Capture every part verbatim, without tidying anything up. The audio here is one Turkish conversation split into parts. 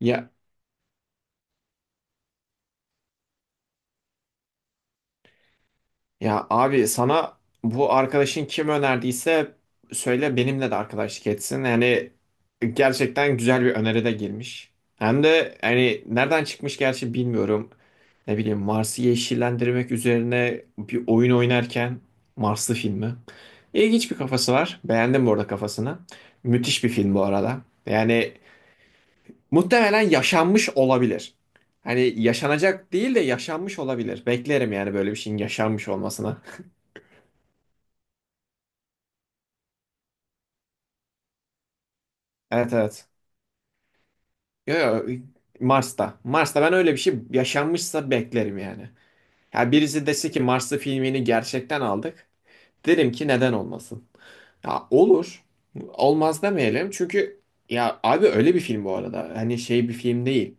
Ya ya abi sana bu arkadaşın kim önerdiyse söyle benimle de arkadaşlık etsin. Yani gerçekten güzel bir öneride girmiş. Hem de yani nereden çıkmış gerçi bilmiyorum. Ne bileyim Mars'ı yeşillendirmek üzerine bir oyun oynarken Marslı filmi. İlginç bir kafası var. Beğendim bu arada kafasını. Müthiş bir film bu arada. Yani muhtemelen yaşanmış olabilir. Hani yaşanacak değil de yaşanmış olabilir. Beklerim yani böyle bir şeyin yaşanmış olmasını. Evet, evet. Yo, yo, Mars'ta. Mars'ta ben öyle bir şey yaşanmışsa beklerim yani. Ya birisi dese ki Marslı filmini gerçekten aldık. Derim ki neden olmasın. Ya olur. Olmaz demeyelim. Çünkü ya abi öyle bir film bu arada. Hani şey bir film değil.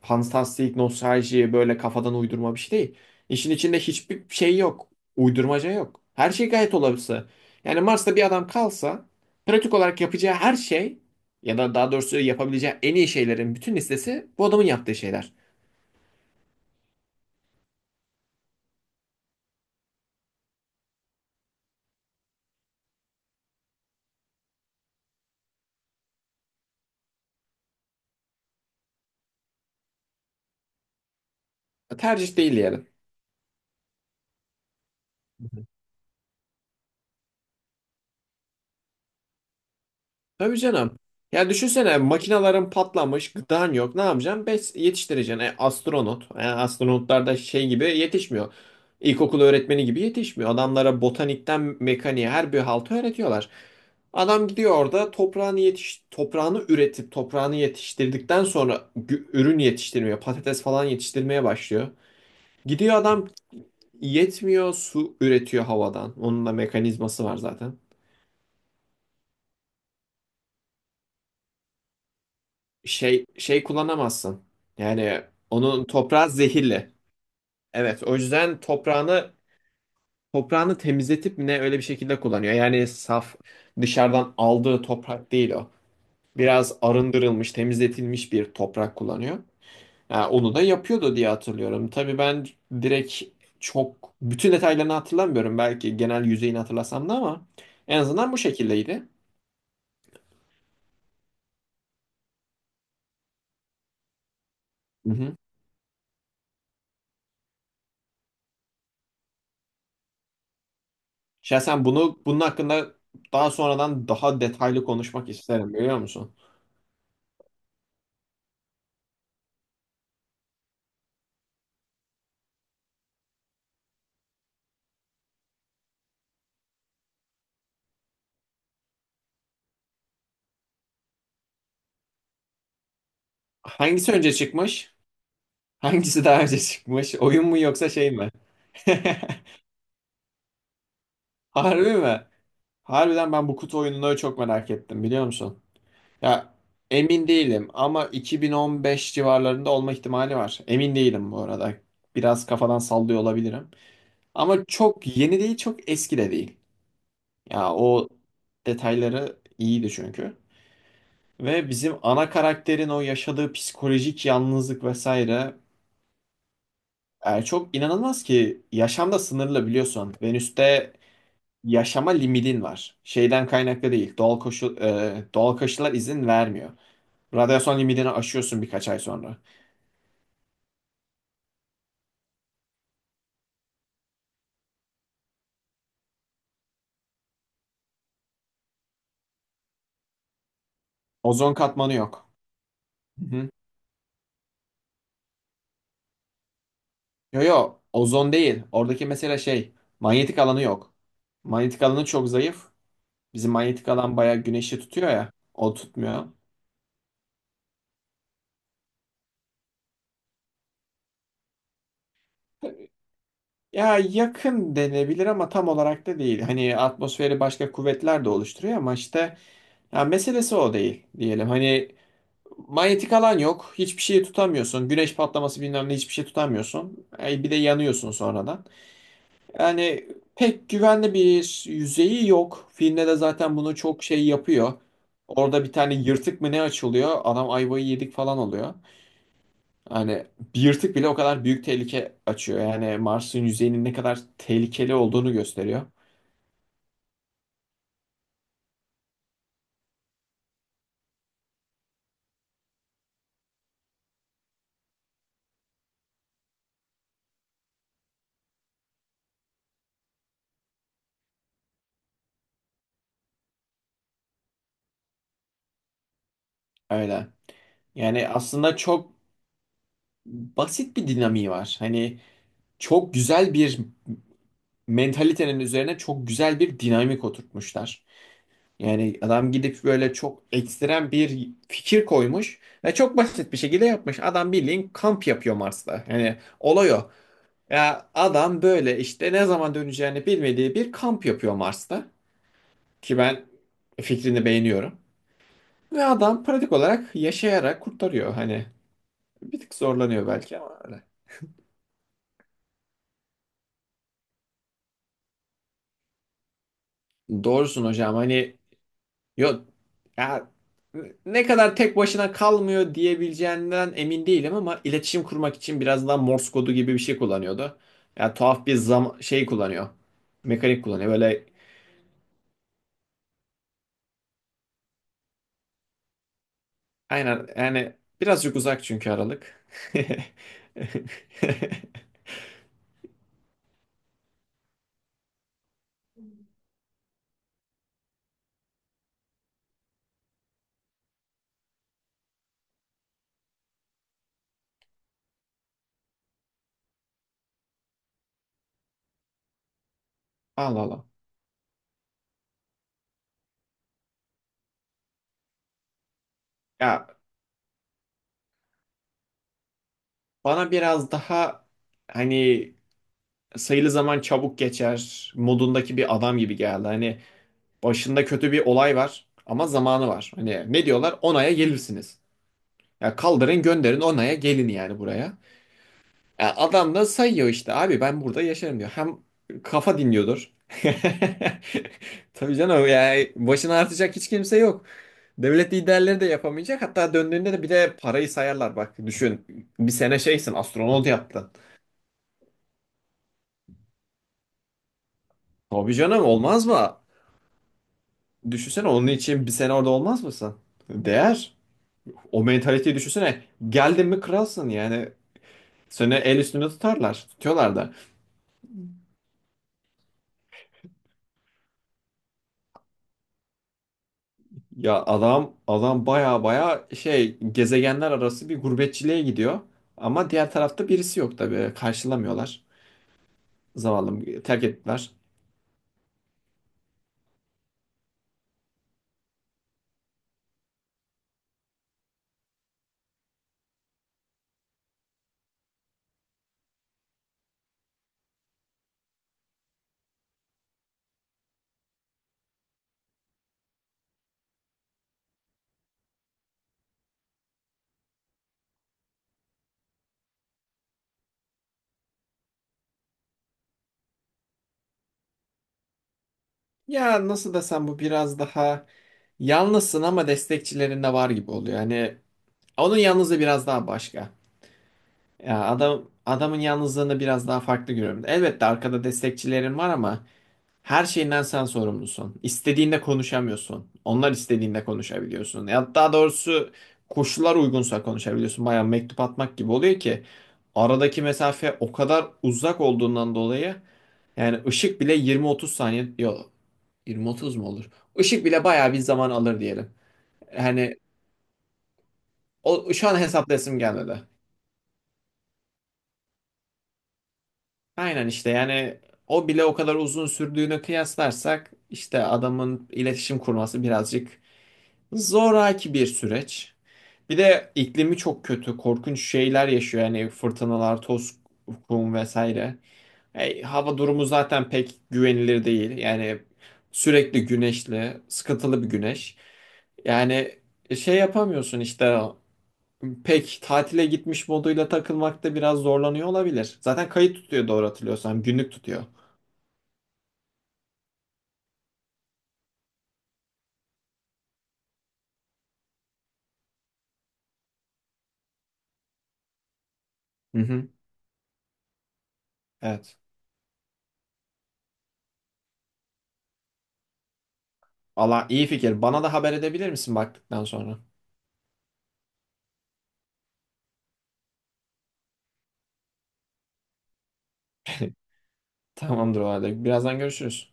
Fantastik, nostalji, böyle kafadan uydurma bir şey değil. İşin içinde hiçbir şey yok. Uydurmaca yok. Her şey gayet olası. Yani Mars'ta bir adam kalsa pratik olarak yapacağı her şey ya da daha doğrusu yapabileceği en iyi şeylerin bütün listesi bu adamın yaptığı şeyler. Tercih değil yani. Tabii canım. Ya düşünsene makinaların patlamış, gıdan yok. Ne yapacaksın? Bes yetiştireceksin. E, astronot. E, astronotlar da şey gibi yetişmiyor. İlkokul öğretmeni gibi yetişmiyor. Adamlara botanikten mekaniğe her bir haltı öğretiyorlar. Adam gidiyor orada toprağını yetiş toprağını üretip toprağını yetiştirdikten sonra gü- ürün yetiştirmeye, patates falan yetiştirmeye başlıyor. Gidiyor adam yetmiyor, su üretiyor havadan. Onun da mekanizması var zaten. şey şey kullanamazsın. Yani onun toprağı zehirli. Evet, o yüzden toprağını toprağını temizletip mi ne öyle bir şekilde kullanıyor. Yani saf dışarıdan aldığı toprak değil o. Biraz arındırılmış, temizletilmiş bir toprak kullanıyor. Yani onu da yapıyordu diye hatırlıyorum. Tabii ben direkt çok bütün detaylarını hatırlamıyorum. Belki genel yüzeyini hatırlasam da ama en azından bu şekildeydi. Hı hı. Şahsen bunu bunun hakkında daha sonradan daha detaylı konuşmak isterim biliyor musun? Hangisi önce çıkmış? Hangisi daha önce çıkmış? Oyun mu yoksa şey mi? Harbi mi? Harbiden ben bu kutu oyununu çok merak ettim biliyor musun? Ya emin değilim ama iki bin on beş civarlarında olma ihtimali var. Emin değilim bu arada. Biraz kafadan sallıyor olabilirim. Ama çok yeni değil, çok eski de değil. Ya o detayları iyiydi çünkü. Ve bizim ana karakterin o yaşadığı psikolojik yalnızlık vesaire. Yani çok inanılmaz ki yaşam da sınırlı biliyorsun. Venüs'te yaşama limitin var. Şeyden kaynaklı değil. Doğal koşul e, doğal koşullar izin vermiyor. Radyasyon limitini aşıyorsun birkaç ay sonra. Ozon katmanı yok. Hı hı. Yo, yo, ozon değil. Oradaki mesele şey, manyetik alanı yok. Manyetik alanı çok zayıf. Bizim manyetik alan bayağı güneşi tutuyor ya. O tutmuyor. Ya yakın denebilir ama tam olarak da değil. Hani atmosferi başka kuvvetler de oluşturuyor ama işte ya meselesi o değil diyelim. Hani manyetik alan yok. Hiçbir şeyi tutamıyorsun. Güneş patlaması, bilmem ne, hiçbir şey tutamıyorsun. E, bir de yanıyorsun sonradan. Yani pek güvenli bir yüzeyi yok. Filmde de zaten bunu çok şey yapıyor. Orada bir tane yırtık mı ne açılıyor? Adam ayvayı yedik falan oluyor. Hani bir yırtık bile o kadar büyük tehlike açıyor. Yani Mars'ın yüzeyinin ne kadar tehlikeli olduğunu gösteriyor. Öyle. Yani aslında çok basit bir dinamiği var. Hani çok güzel bir mentalitenin üzerine çok güzel bir dinamik oturtmuşlar. Yani adam gidip böyle çok ekstrem bir fikir koymuş ve çok basit bir şekilde yapmış. Adam bildiğin kamp yapıyor Mars'ta. Yani olay o. Ya adam böyle işte ne zaman döneceğini bilmediği bir kamp yapıyor Mars'ta. Ki ben fikrini beğeniyorum. Ve adam pratik olarak yaşayarak kurtarıyor. Hani bir tık zorlanıyor belki ama öyle. Doğrusun hocam. Hani yok ya, ne kadar tek başına kalmıyor diyebileceğinden emin değilim ama iletişim kurmak için biraz daha Morse kodu gibi bir şey kullanıyordu. Ya tuhaf bir zam şey kullanıyor. Mekanik kullanıyor. Böyle aynen, yani birazcık uzak çünkü Aralık. Allah Allah. Ya bana biraz daha hani sayılı zaman çabuk geçer modundaki bir adam gibi geldi. Hani başında kötü bir olay var ama zamanı var. Hani ne diyorlar? on aya gelirsiniz. Ya kaldırın gönderin, on aya gelin yani buraya. Ya adam da sayıyor işte, abi ben burada yaşarım diyor. Hem kafa dinliyordur. Tabii canım, yani başına artacak hiç kimse yok. Devlet liderleri de yapamayacak. Hatta döndüğünde de bir de parayı sayarlar. Bak düşün, bir sene şeysin, astronot yaptın. Tabii canım, olmaz mı? Düşünsene, onun için bir sene orada olmaz mısın? Değer. O mentaliteyi düşünsene. Geldin mi kralsın yani. Seni el üstünde tutarlar. Tutuyorlar da. Ya adam adam baya baya şey gezegenler arası bir gurbetçiliğe gidiyor. Ama diğer tarafta birisi yok tabii. Karşılamıyorlar. Zavallım, terk ettiler. Ya nasıl desem, bu biraz daha yalnızsın ama destekçilerin de var gibi oluyor. Yani onun yalnızlığı biraz daha başka. Ya adam adamın yalnızlığını biraz daha farklı görüyorum. Elbette arkada destekçilerin var ama her şeyinden sen sorumlusun. İstediğinde konuşamıyorsun. Onlar istediğinde konuşabiliyorsun. Ya daha doğrusu koşullar uygunsa konuşabiliyorsun. Bayağı mektup atmak gibi oluyor ki aradaki mesafe o kadar uzak olduğundan dolayı yani ışık bile yirmi otuz saniye, yok, yirmi ile otuz mu olur? Işık bile bayağı bir zaman alır diyelim. Hani o şu an hesaplayasım gelmedi. Aynen işte, yani o bile o kadar uzun sürdüğünü kıyaslarsak işte adamın iletişim kurması birazcık zoraki bir süreç. Bir de iklimi çok kötü, korkunç şeyler yaşıyor yani, fırtınalar, toz, kum vesaire. E, hava durumu zaten pek güvenilir değil. Yani sürekli güneşli, sıkıntılı bir güneş. Yani şey yapamıyorsun işte, pek tatile gitmiş moduyla takılmakta biraz zorlanıyor olabilir. Zaten kayıt tutuyor doğru hatırlıyorsam. Günlük tutuyor. Hı hı. Evet. Allah iyi fikir. Bana da haber edebilir misin baktıktan sonra? Tamamdır o halde. Birazdan görüşürüz.